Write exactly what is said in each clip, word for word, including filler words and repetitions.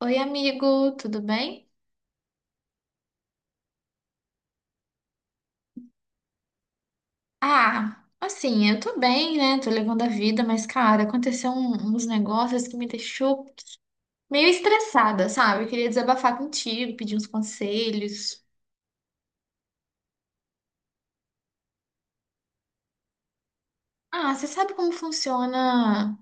Oi, amigo, tudo bem? Ah, assim, eu tô bem, né? Tô levando a vida, mas, cara, aconteceu um- uns negócios que me deixou meio estressada, sabe? Eu queria desabafar contigo, pedir uns conselhos. Ah, você sabe como funciona?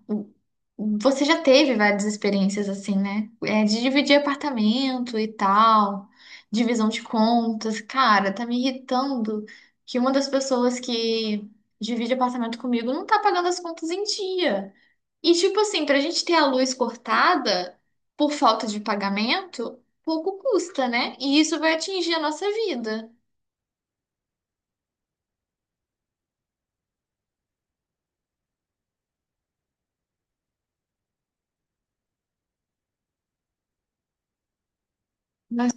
Você já teve várias experiências assim, né? É, de dividir apartamento e tal, divisão de contas. Cara, tá me irritando que uma das pessoas que divide apartamento comigo não tá pagando as contas em dia. E tipo assim, pra gente ter a luz cortada por falta de pagamento, pouco custa, né? E isso vai atingir a nossa vida. Nós,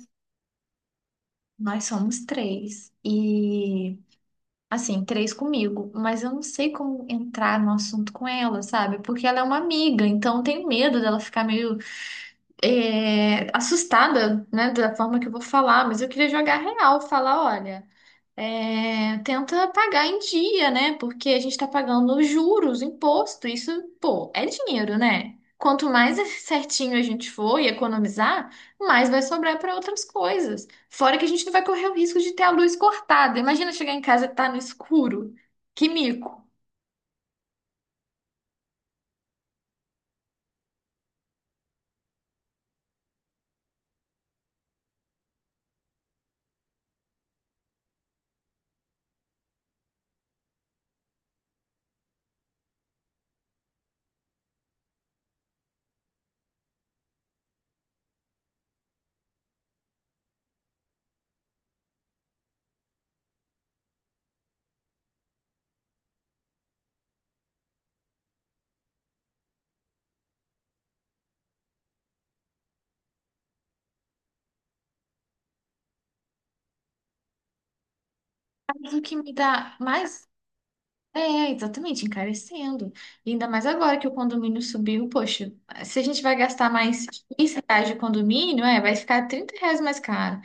nós somos três. E, assim, três comigo. Mas eu não sei como entrar no assunto com ela, sabe? Porque ela é uma amiga, então eu tenho medo dela ficar meio é, assustada, né? Da forma que eu vou falar. Mas eu queria jogar real, falar, olha. é, tenta pagar em dia, né? Porque a gente está pagando juros, imposto, isso, pô, é dinheiro, né? Quanto mais certinho a gente for e economizar, mais vai sobrar para outras coisas. Fora que a gente não vai correr o risco de ter a luz cortada. Imagina chegar em casa e tá no escuro. Que mico. Mas o que me dá mais. É, exatamente, encarecendo. E ainda mais agora que o condomínio subiu, poxa, se a gente vai gastar mais quinze reais de condomínio, é, vai ficar trinta reais mais caro.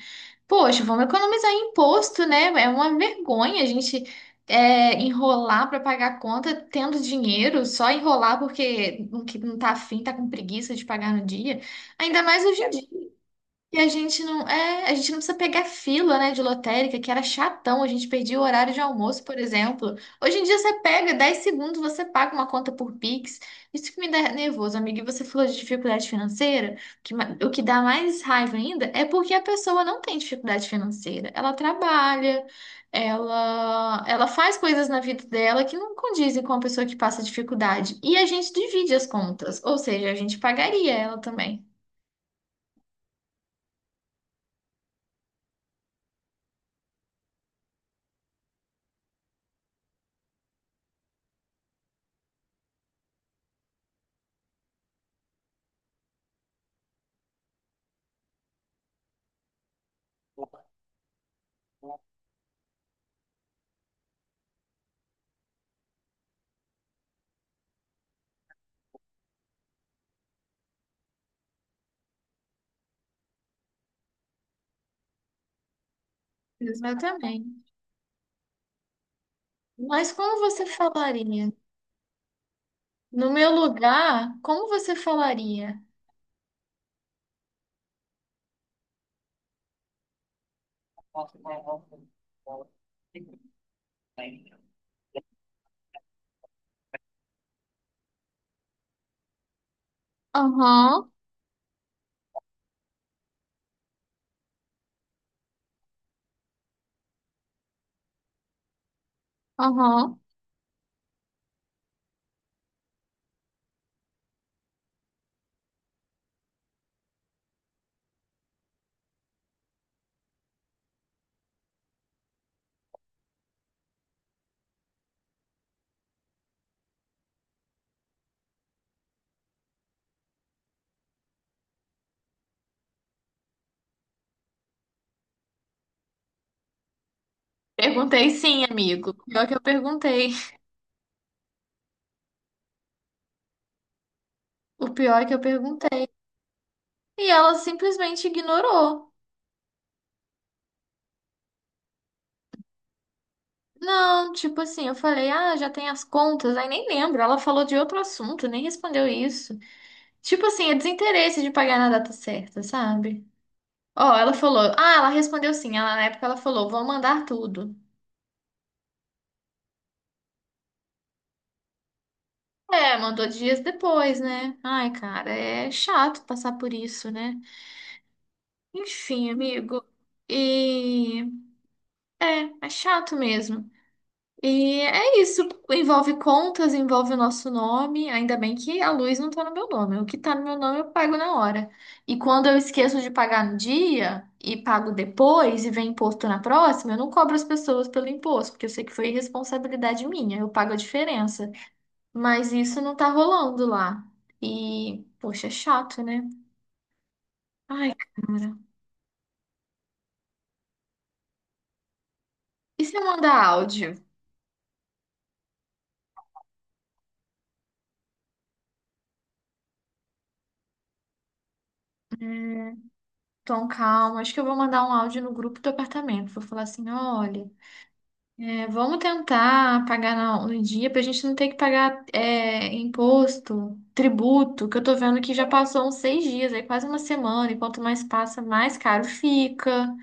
Poxa, vamos economizar em imposto, né? É uma vergonha a gente é, enrolar para pagar a conta tendo dinheiro, só enrolar porque não que não tá afim, tá com preguiça de pagar no dia. Ainda mais hoje em e a gente não, é, a gente não precisa pegar fila, né, de lotérica, que era chatão, a gente perdia o horário de almoço, por exemplo. Hoje em dia você pega dez segundos, você paga uma conta por Pix. Isso que me dá nervoso, amiga. E você falou de dificuldade financeira, o que, ma- o que dá mais raiva ainda é porque a pessoa não tem dificuldade financeira. Ela trabalha, ela, ela faz coisas na vida dela que não condizem com a pessoa que passa dificuldade. E a gente divide as contas, ou seja, a gente pagaria ela também. Exatamente. Mas como você falaria? No meu lugar, como você falaria? Aham, aham. Perguntei sim, amigo. Pior que eu perguntei. O pior é que eu perguntei. E ela simplesmente ignorou. Não, tipo assim, eu falei, ah, já tem as contas. Aí nem lembro. Ela falou de outro assunto, nem respondeu isso. Tipo assim, é desinteresse de pagar na data certa, sabe? Ó, ela falou, ah, ela respondeu sim. Ela, na época ela falou, vou mandar tudo. É, mandou dias depois, né? Ai, cara, é chato passar por isso, né? Enfim, amigo. E é, é, chato mesmo. E é isso. Envolve contas, envolve o nosso nome. Ainda bem que a luz não tá no meu nome. O que tá no meu nome eu pago na hora. E quando eu esqueço de pagar no dia e pago depois e vem imposto na próxima, eu não cobro as pessoas pelo imposto, porque eu sei que foi responsabilidade minha. Eu pago a diferença. Mas isso não tá rolando lá. E, poxa, é chato, né? Ai, cara. E se eu mandar áudio? Hum, Tom, calma. Acho que eu vou mandar um áudio no grupo do apartamento. Vou falar assim: olha, é, vamos tentar pagar na- no, dia pra gente não ter que pagar é, imposto, tributo, que eu tô vendo que já passou uns seis dias, aí quase uma semana. E quanto mais passa, mais caro fica.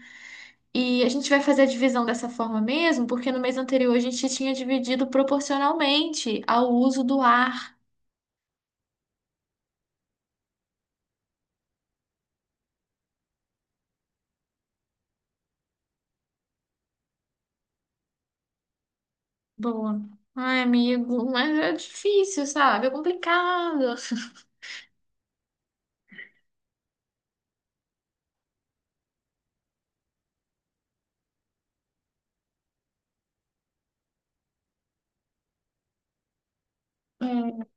E a gente vai fazer a divisão dessa forma mesmo, porque no mês anterior a gente tinha dividido proporcionalmente ao uso do ar. Boa. Ai, amigo, mas é difícil, sabe? É complicado. É,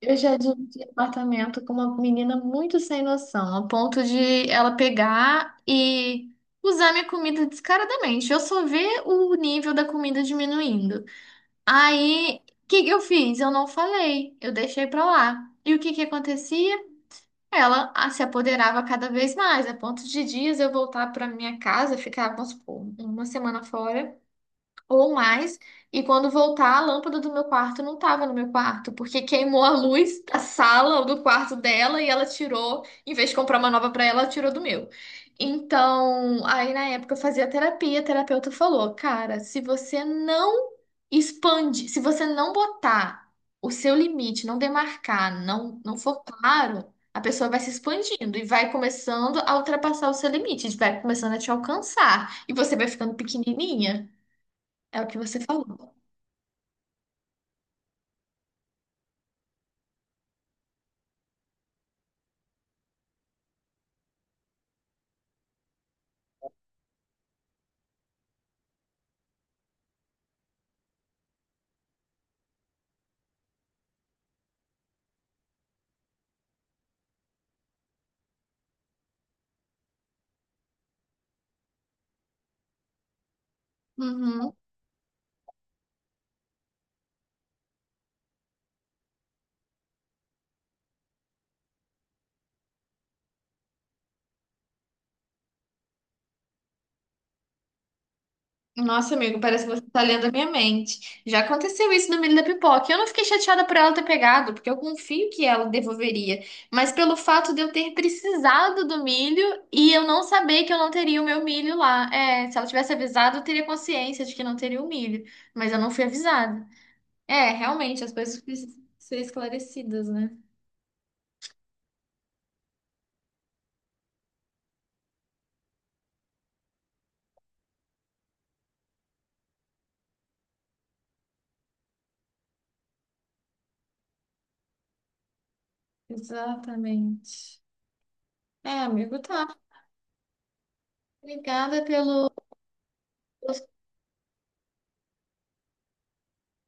eu já dividi apartamento com uma menina muito sem noção, a ponto de ela pegar e usar minha comida descaradamente. Eu só ver o nível da comida diminuindo. Aí, o que que eu fiz? Eu não falei, eu deixei pra lá. E o que que acontecia? Ela ah, se apoderava cada vez mais, a ponto de dias eu voltar para minha casa, ficar, vamos supor, uma semana fora ou mais. E quando voltar, a lâmpada do meu quarto não estava no meu quarto, porque queimou a luz da sala ou do quarto dela e ela tirou, em vez de comprar uma nova para ela, ela tirou do meu. Então, aí na época eu fazia terapia, a terapeuta falou: "Cara, se você não expande, se você não botar o seu limite, não demarcar, não não for claro, a pessoa vai se expandindo e vai começando a ultrapassar o seu limite, vai começando a te alcançar e você vai ficando pequenininha." É o que você falou. Uhum. Nossa, amigo, parece que você tá lendo a minha mente. Já aconteceu isso no milho da pipoca. Eu não fiquei chateada por ela ter pegado, porque eu confio que ela devolveria. Mas pelo fato de eu ter precisado do milho e eu não saber que eu não teria o meu milho lá. É, se ela tivesse avisado, eu teria consciência de que não teria o milho. Mas eu não fui avisada. É, realmente, as coisas precisam ser esclarecidas, né? Exatamente. É, amigo, tá. Obrigada pelo.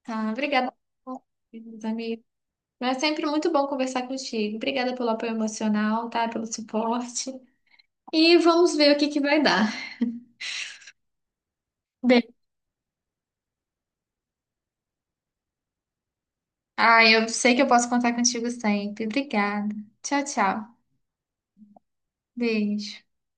Tá, obrigada, meus amigos. Mas é sempre muito bom conversar contigo. Obrigada pelo apoio emocional, tá? Pelo suporte. E vamos ver o que que vai dar. Bem. Ah, eu sei que eu posso contar contigo sempre. Obrigada. Tchau, tchau. Beijo.